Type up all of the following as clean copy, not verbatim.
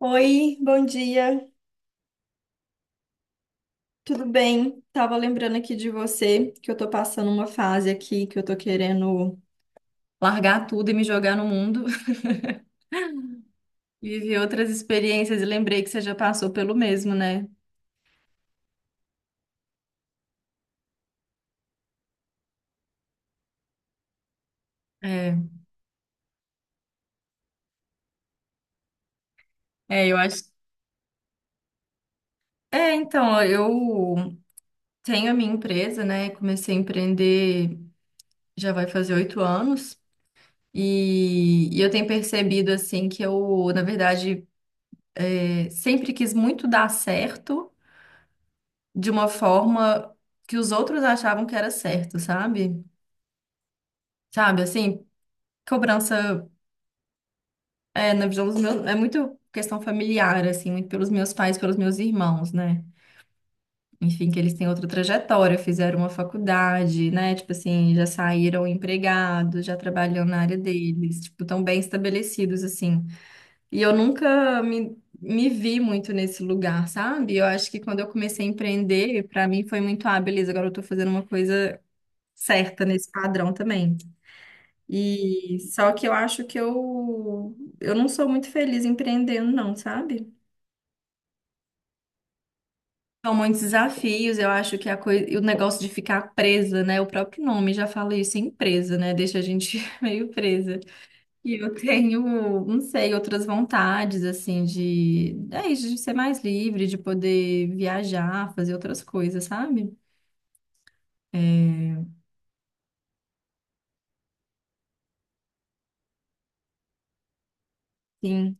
Oi, bom dia. Tudo bem? Tava lembrando aqui de você que eu tô passando uma fase aqui que eu tô querendo largar tudo e me jogar no mundo, viver outras experiências e lembrei que você já passou pelo mesmo, né? É, é, eu acho. É, então, ó, eu tenho a minha empresa, né? Comecei a empreender já vai fazer 8 anos. E eu tenho percebido, assim, que eu, na verdade, sempre quis muito dar certo de uma forma que os outros achavam que era certo, sabe? Sabe, assim, cobrança. É, na visão dos meus, é muito questão familiar, assim, muito pelos meus pais, pelos meus irmãos, né? Enfim, que eles têm outra trajetória, fizeram uma faculdade, né? Tipo assim, já saíram empregados, já trabalham na área deles, tipo, tão bem estabelecidos, assim. E eu nunca me vi muito nesse lugar, sabe? Eu acho que quando eu comecei a empreender, pra mim foi muito, ah, beleza, agora eu tô fazendo uma coisa certa nesse padrão também. E só que eu acho que eu não sou muito feliz empreendendo, não, sabe? São muitos desafios, eu acho que a coisa, e o negócio de ficar presa, né? O próprio nome já fala isso, empresa, né? Deixa a gente meio presa. E eu tenho, não sei, outras vontades, assim, de, é isso, de ser mais livre, de poder viajar, fazer outras coisas, sabe? É, sim,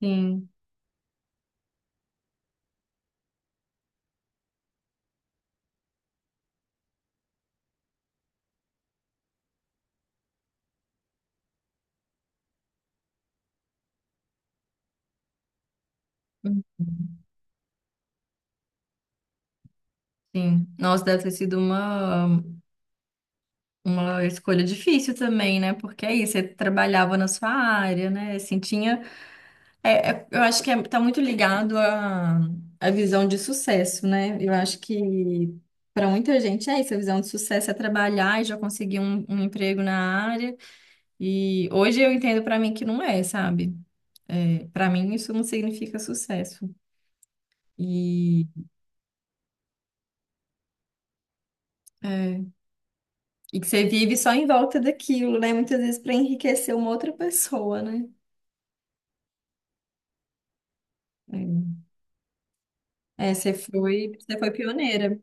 sim, sim. Nossa, deve ter sido uma. Uma escolha difícil também, né? Porque aí você trabalhava na sua área, né? Assim, tinha. Eu acho que tá muito ligado à visão de sucesso, né? Eu acho que para muita gente é isso, a visão de sucesso é trabalhar e já conseguir um emprego na área. E hoje eu entendo para mim que não é, sabe? É, para mim isso não significa sucesso. E, é, e que você vive só em volta daquilo, né? Muitas vezes para enriquecer uma outra pessoa, né? É. É, você foi pioneira.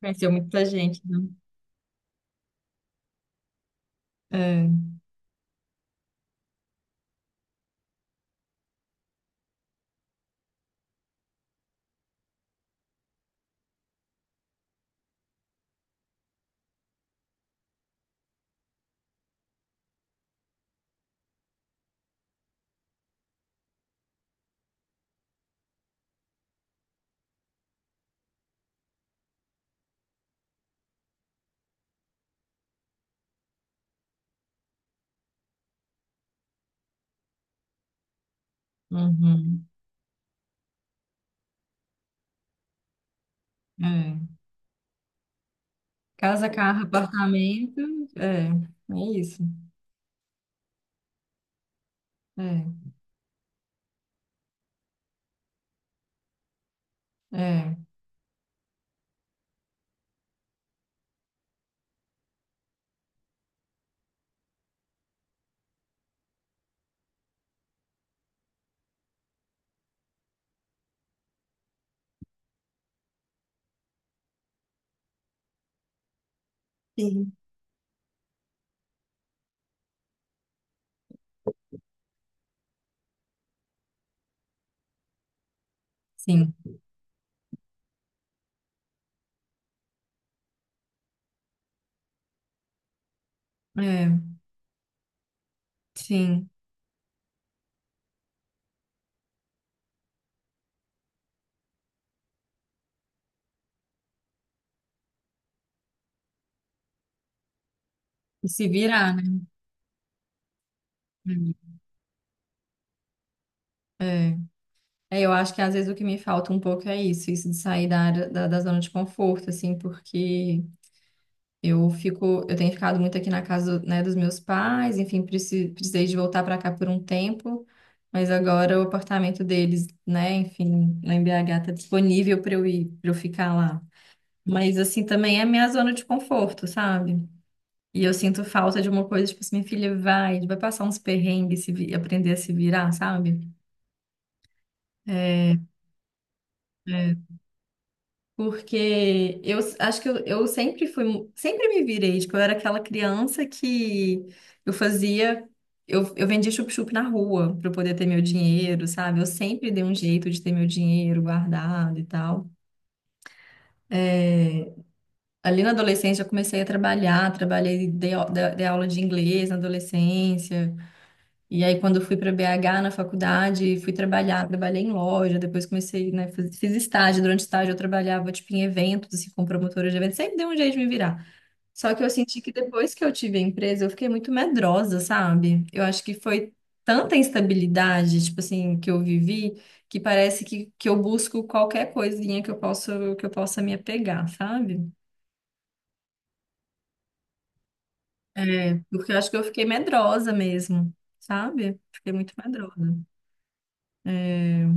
Conheceu muita gente, né? É, uhum, é. Casa, carro, apartamento, é, é isso. É, é. Sim. Sim, é, sim. E se virar, né? É. É, eu acho que às vezes o que me falta um pouco é isso de sair da área, da zona de conforto, assim, porque Eu tenho ficado muito aqui na casa, né, dos meus pais, enfim, precisei de voltar para cá por um tempo, mas agora o apartamento deles, né, enfim, lá em BH tá disponível para eu ir, para eu ficar lá. Mas assim também é minha zona de conforto, sabe? E eu sinto falta de uma coisa, tipo assim, minha filha vai passar uns perrengues, se vi- aprender a se virar, sabe? É, porque acho que eu sempre fui, sempre me virei, tipo, eu era aquela criança que eu fazia, eu vendia chup-chup na rua para eu poder ter meu dinheiro, sabe? Eu sempre dei um jeito de ter meu dinheiro guardado e tal. É, ali na adolescência eu comecei a trabalhar, trabalhei, dei aula de inglês na adolescência, e aí, quando eu fui para BH na faculdade, fui trabalhar, trabalhei em loja, depois comecei, né, fiz estágio, durante o estágio eu trabalhava, tipo, em eventos, assim, com promotora de eventos, sempre deu um jeito de me virar. Só que eu senti que depois que eu tive a empresa, eu fiquei muito medrosa, sabe? Eu acho que foi tanta instabilidade, tipo assim, que eu vivi, que parece que eu busco qualquer coisinha que eu possa me apegar, sabe? É, porque eu acho que eu fiquei medrosa mesmo, sabe? Fiquei muito medrosa. É.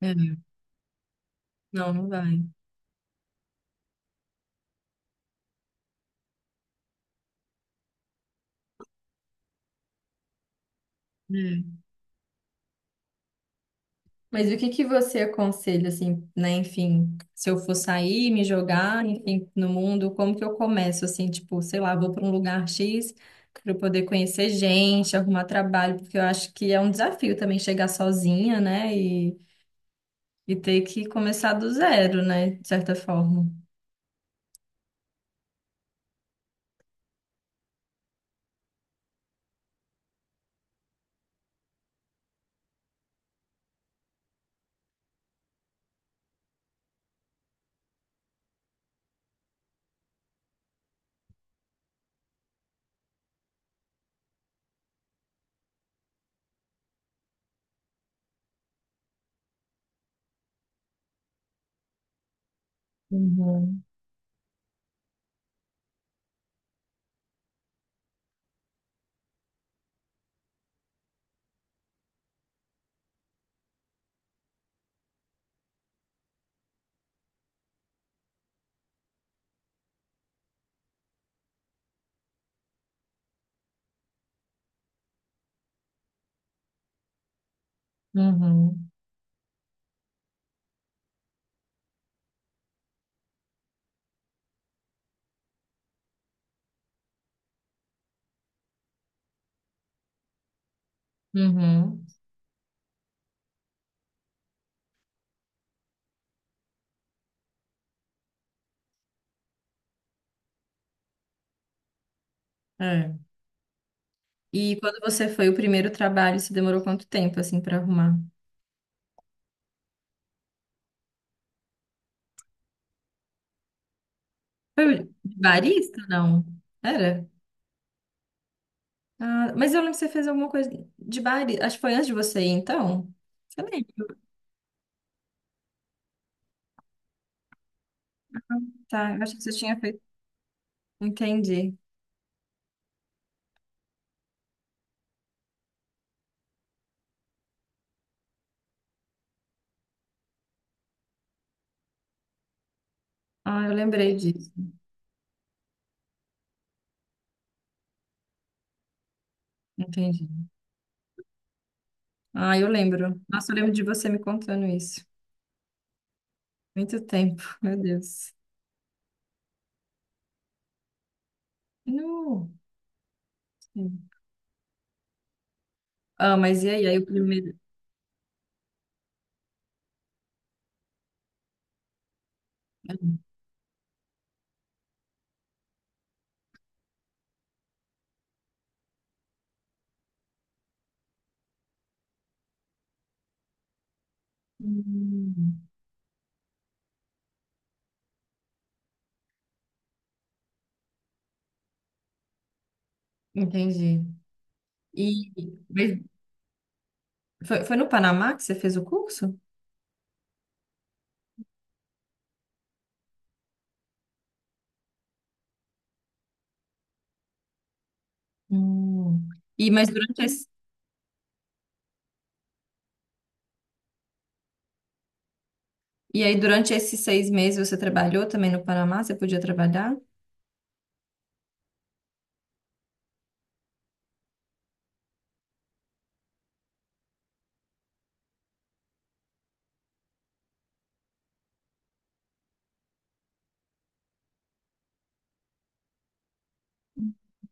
É, não, não vai. É. Mas o que que você aconselha, assim, né? Enfim, se eu for sair, me jogar, enfim, no mundo, como que eu começo, assim, tipo, sei lá, vou para um lugar X para eu poder conhecer gente, arrumar trabalho, porque eu acho que é um desafio também chegar sozinha, né? E ter que começar do zero, né? De certa forma. Uhum, uhum, uhum. É. E quando você foi o primeiro trabalho, você demorou quanto tempo, assim, para arrumar? Foi barista, não? Era? Ah, mas eu lembro que você fez alguma coisa de bar, acho que foi antes de você ir, então. Você lembra? Tá, eu acho que você tinha feito. Entendi. Ah, eu lembrei disso. Entendi. Ah, eu lembro. Nossa, eu lembro de você me contando isso. Muito tempo, meu Deus. No. Sim. Ah, mas e aí? Aí o primeiro. Hum, entendi. E mas foi no Panamá que você fez o curso? Hum. E mas durante esses 6 meses você trabalhou também no Panamá? Você podia trabalhar?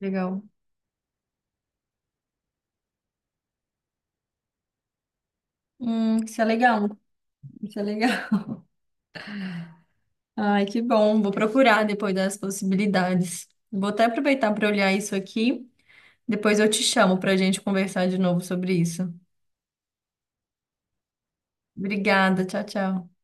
Legal. Isso é legal. Isso é legal. Ai, que bom. Vou procurar depois das possibilidades. Vou até aproveitar para olhar isso aqui. Depois eu te chamo para a gente conversar de novo sobre isso. Obrigada. Tchau, tchau.